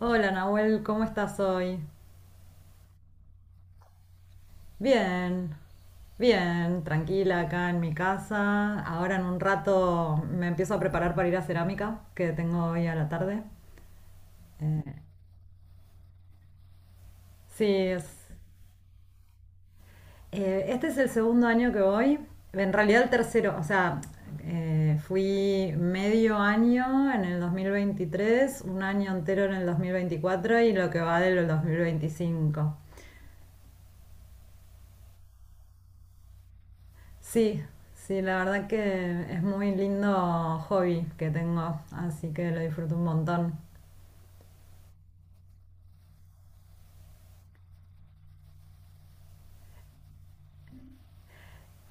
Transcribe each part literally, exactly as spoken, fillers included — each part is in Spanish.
Hola Nahuel, ¿cómo estás hoy? Bien, bien, tranquila acá en mi casa. Ahora en un rato me empiezo a preparar para ir a cerámica, que tengo hoy a la tarde. Eh, sí, es- eh, este es el segundo año que voy, en realidad el tercero, o sea, eh, fui medio año en el dos mil veintitrés, un año entero en el dos mil veinticuatro y lo que va del dos mil veinticinco. Sí, sí, la verdad que es muy lindo hobby que tengo, así que lo disfruto un montón.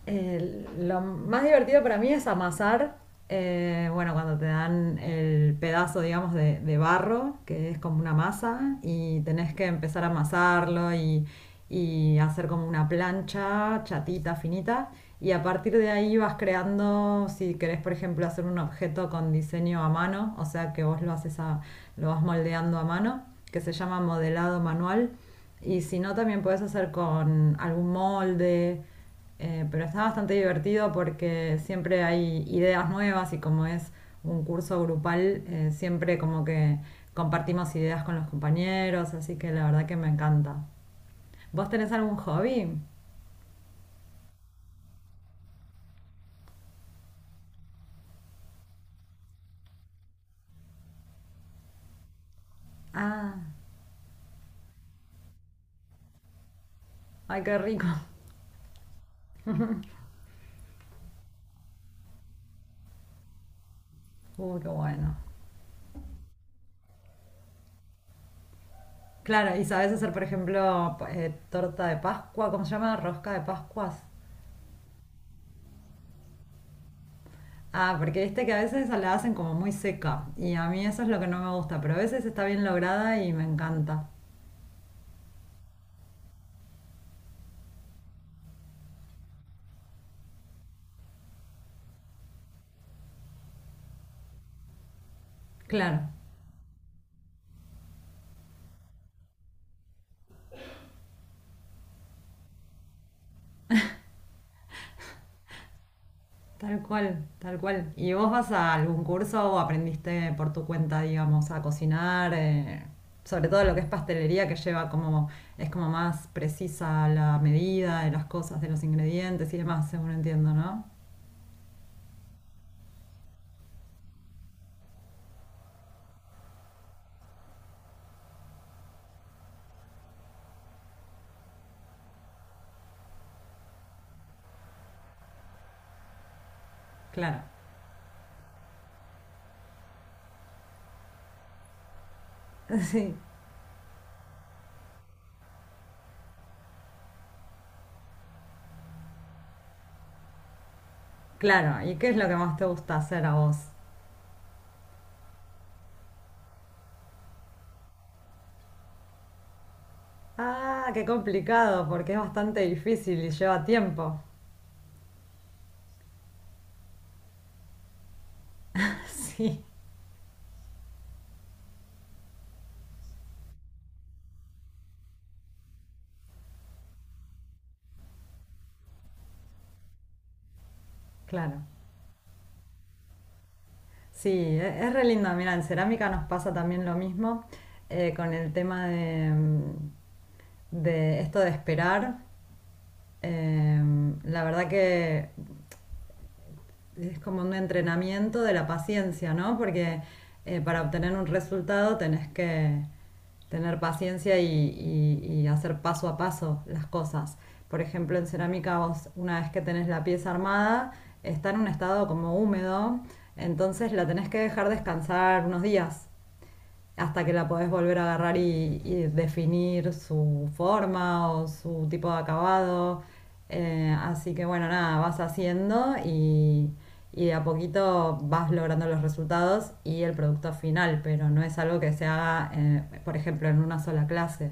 El- lo más divertido para mí es amasar. Eh, bueno, cuando te dan el pedazo, digamos, de, de barro, que es como una masa, y tenés que empezar a amasarlo y, y hacer como una plancha chatita, finita, y a partir de ahí vas creando, si querés, por ejemplo, hacer un objeto con diseño a mano, o sea que vos lo haces a- lo vas moldeando a mano, que se llama modelado manual, y si no, también puedes hacer con algún molde, eh, pero está bastante divertido porque siempre hay ideas nuevas y como es un curso grupal, eh, siempre como que compartimos ideas con los compañeros, así que la verdad que me encanta. ¿Vos tenés algún hobby? Ah, ay, qué rico. Uh, qué bueno. Claro, y sabés hacer, por ejemplo, pa- eh, torta de Pascua, ¿cómo se llama? Rosca de Pascuas. Ah, porque viste que a veces la hacen como muy seca y a mí eso es lo que no me gusta, pero a veces está bien lograda y me encanta. Claro. Tal cual, tal cual. ¿Y vos vas a algún curso o aprendiste por tu cuenta, digamos, a cocinar? eh, sobre todo lo que es pastelería, que lleva como, es como más precisa la medida de las cosas, de los ingredientes y demás, según entiendo, ¿no? Claro. Sí, claro. ¿Y qué es lo que más te gusta hacer a vos? Ah, qué complicado, porque es bastante difícil y lleva tiempo. Sí, claro. Sí, e- es re lindo. Mira, en cerámica nos pasa también lo mismo, eh, con el tema de, mm, de esto de esperar. Eh, la verdad que es como un entrenamiento de la paciencia, ¿no? Porque eh, para obtener un resultado tenés que tener paciencia y, y- y hacer paso a paso las cosas. Por ejemplo, en cerámica vos una vez que tenés la pieza armada, está en un estado como húmedo, entonces la tenés que dejar descansar unos días hasta que la podés volver a agarrar y, y definir su forma o su tipo de acabado. Eh, así que bueno, nada, vas haciendo y, y de a poquito vas logrando los resultados y el producto final, pero no es algo que se haga, eh, por ejemplo, en una sola clase.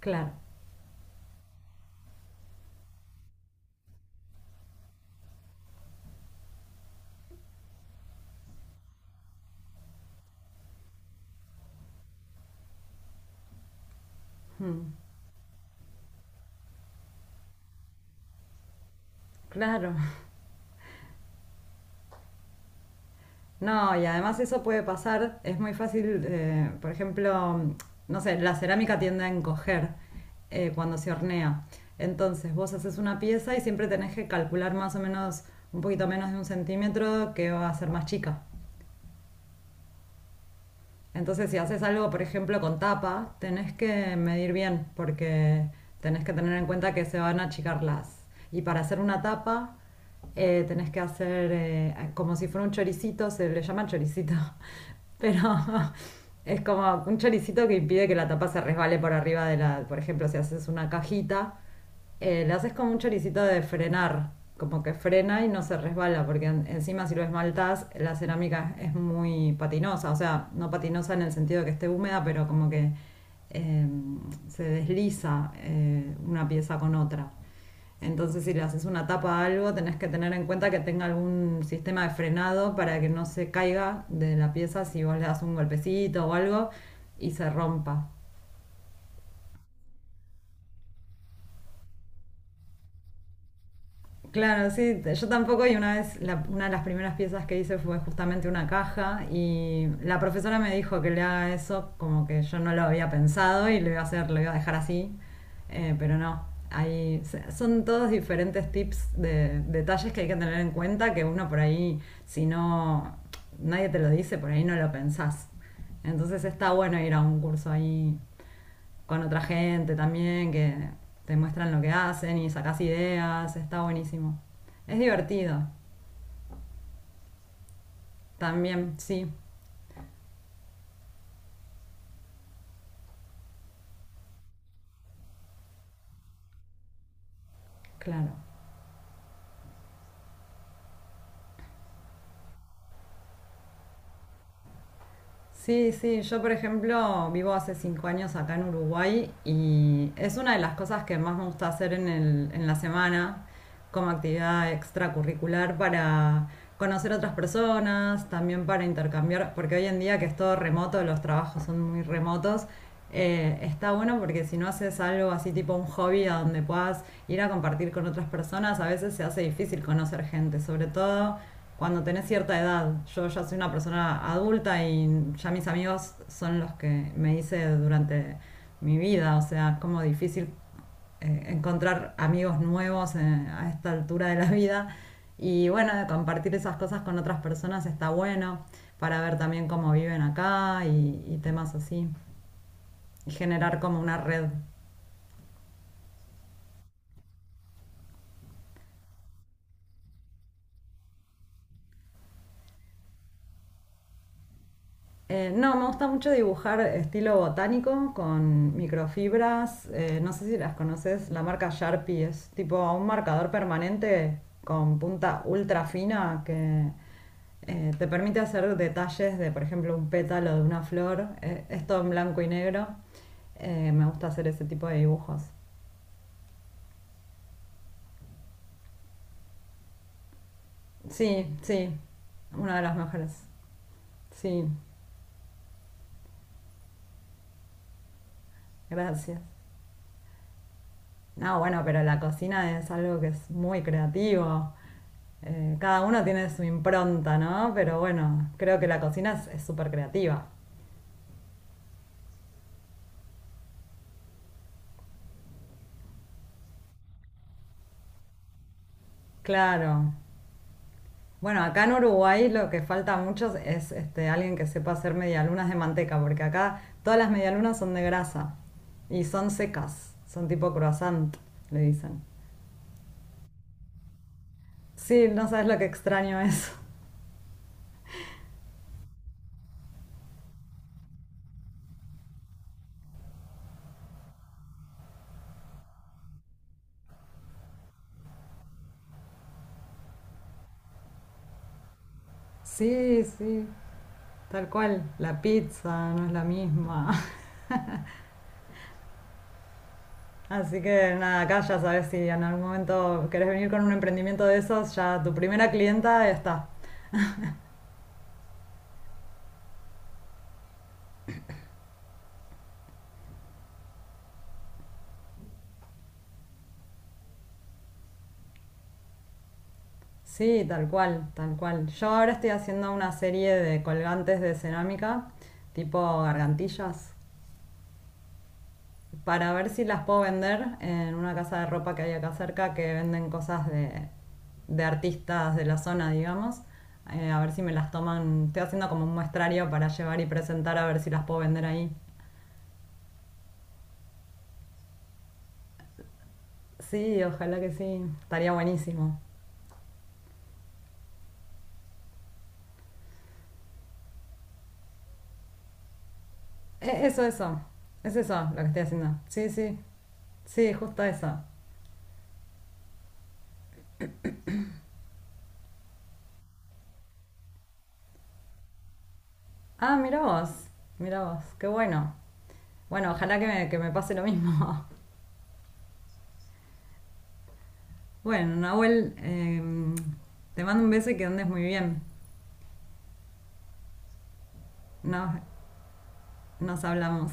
Claro, claro. No, y además eso puede pasar, es muy fácil, eh, por ejemplo, no sé, la cerámica tiende a encoger eh, cuando se hornea. Entonces vos haces una pieza y siempre tenés que calcular más o menos un poquito menos de un centímetro que va a ser más chica. Entonces, si haces algo, por ejemplo, con tapa, tenés que medir bien, porque tenés que tener en cuenta que se van a achicar las. Y para hacer una tapa, eh, tenés que hacer eh, como si fuera un choricito, se le llama choricito, pero es como un choricito que impide que la tapa se resbale por arriba de la. Por ejemplo, si haces una cajita, eh, le haces como un choricito de frenar, como que frena y no se resbala, porque en- encima si lo esmaltás, la cerámica es muy patinosa, o sea, no patinosa en el sentido de que esté húmeda, pero como que eh, se desliza, eh, una pieza con otra. Entonces, si le haces una tapa a algo, tenés que tener en cuenta que tenga algún sistema de frenado para que no se caiga de la pieza si vos le das un golpecito o algo y se rompa. Claro, sí, t- yo tampoco. Y una vez, la- una de las primeras piezas que hice fue justamente una caja y la profesora me dijo que le haga eso como que yo no lo había pensado y lo iba a hacer, lo iba a dejar así, eh, pero no, ahí se- son todos diferentes tips de detalles que hay que tener en cuenta que uno por ahí, si no, nadie te lo dice, por ahí no lo pensás. Entonces está bueno ir a un curso ahí con otra gente también que te muestran lo que hacen y sacas ideas, está buenísimo. Es divertido, también, sí, claro. Sí, sí, yo por ejemplo vivo hace cinco años acá en Uruguay y es una de las cosas que más me gusta hacer en el, en la semana como actividad extracurricular para conocer otras personas, también para intercambiar, porque hoy en día que es todo remoto, los trabajos son muy remotos, eh, está bueno porque si no haces algo así tipo un hobby a donde puedas ir a compartir con otras personas, a veces se hace difícil conocer gente, sobre todo cuando tenés cierta edad. Yo ya soy una persona adulta y ya mis amigos son los que me hice durante mi vida. O sea, es como difícil eh, encontrar amigos nuevos, eh, a esta altura de la vida. Y bueno, de compartir esas cosas con otras personas está bueno para ver también cómo viven acá y, y temas así. Y generar como una red. Eh, no, me gusta mucho dibujar estilo botánico con microfibras. eh, no sé si las conoces, la marca Sharpie es tipo un marcador permanente con punta ultra fina que eh, te permite hacer detalles de, por ejemplo, un pétalo de una flor. eh, es todo en blanco y negro. Eh, me gusta hacer ese tipo de dibujos. Sí, sí, una de las mejores. Sí, gracias. No, bueno, pero la cocina es algo que es muy creativo. Eh, cada uno tiene su impronta, ¿no? Pero bueno, creo que la cocina es es súper creativa. Claro. Bueno, acá en Uruguay lo que falta mucho es este, alguien que sepa hacer medialunas de manteca, porque acá todas las medialunas son de grasa y son secas, son tipo croissant, le dicen. Sí, no sabes lo que extraño eso. Sí, sí, tal cual. La pizza no es la misma. Así que nada, acá ya sabes si en algún momento querés venir con un emprendimiento de esos, ya tu primera clienta está. Sí, tal cual, tal cual. Yo ahora estoy haciendo una serie de colgantes de cerámica, tipo gargantillas, para ver si las puedo vender en una casa de ropa que hay acá cerca que venden cosas de, de artistas de la zona, digamos. Eh, a ver si me las toman. Estoy haciendo como un muestrario para llevar y presentar a ver si las puedo vender ahí. Sí, ojalá que sí. Estaría buenísimo. E- Eso, eso. Es eso lo que estoy haciendo. Sí, sí. Sí, justo eso. Ah, mira vos. Mira vos. Qué bueno. Bueno, ojalá que me, que me pase lo mismo. Bueno, Nahuel, eh, te mando un beso y que andes muy bien. Nos, nos hablamos.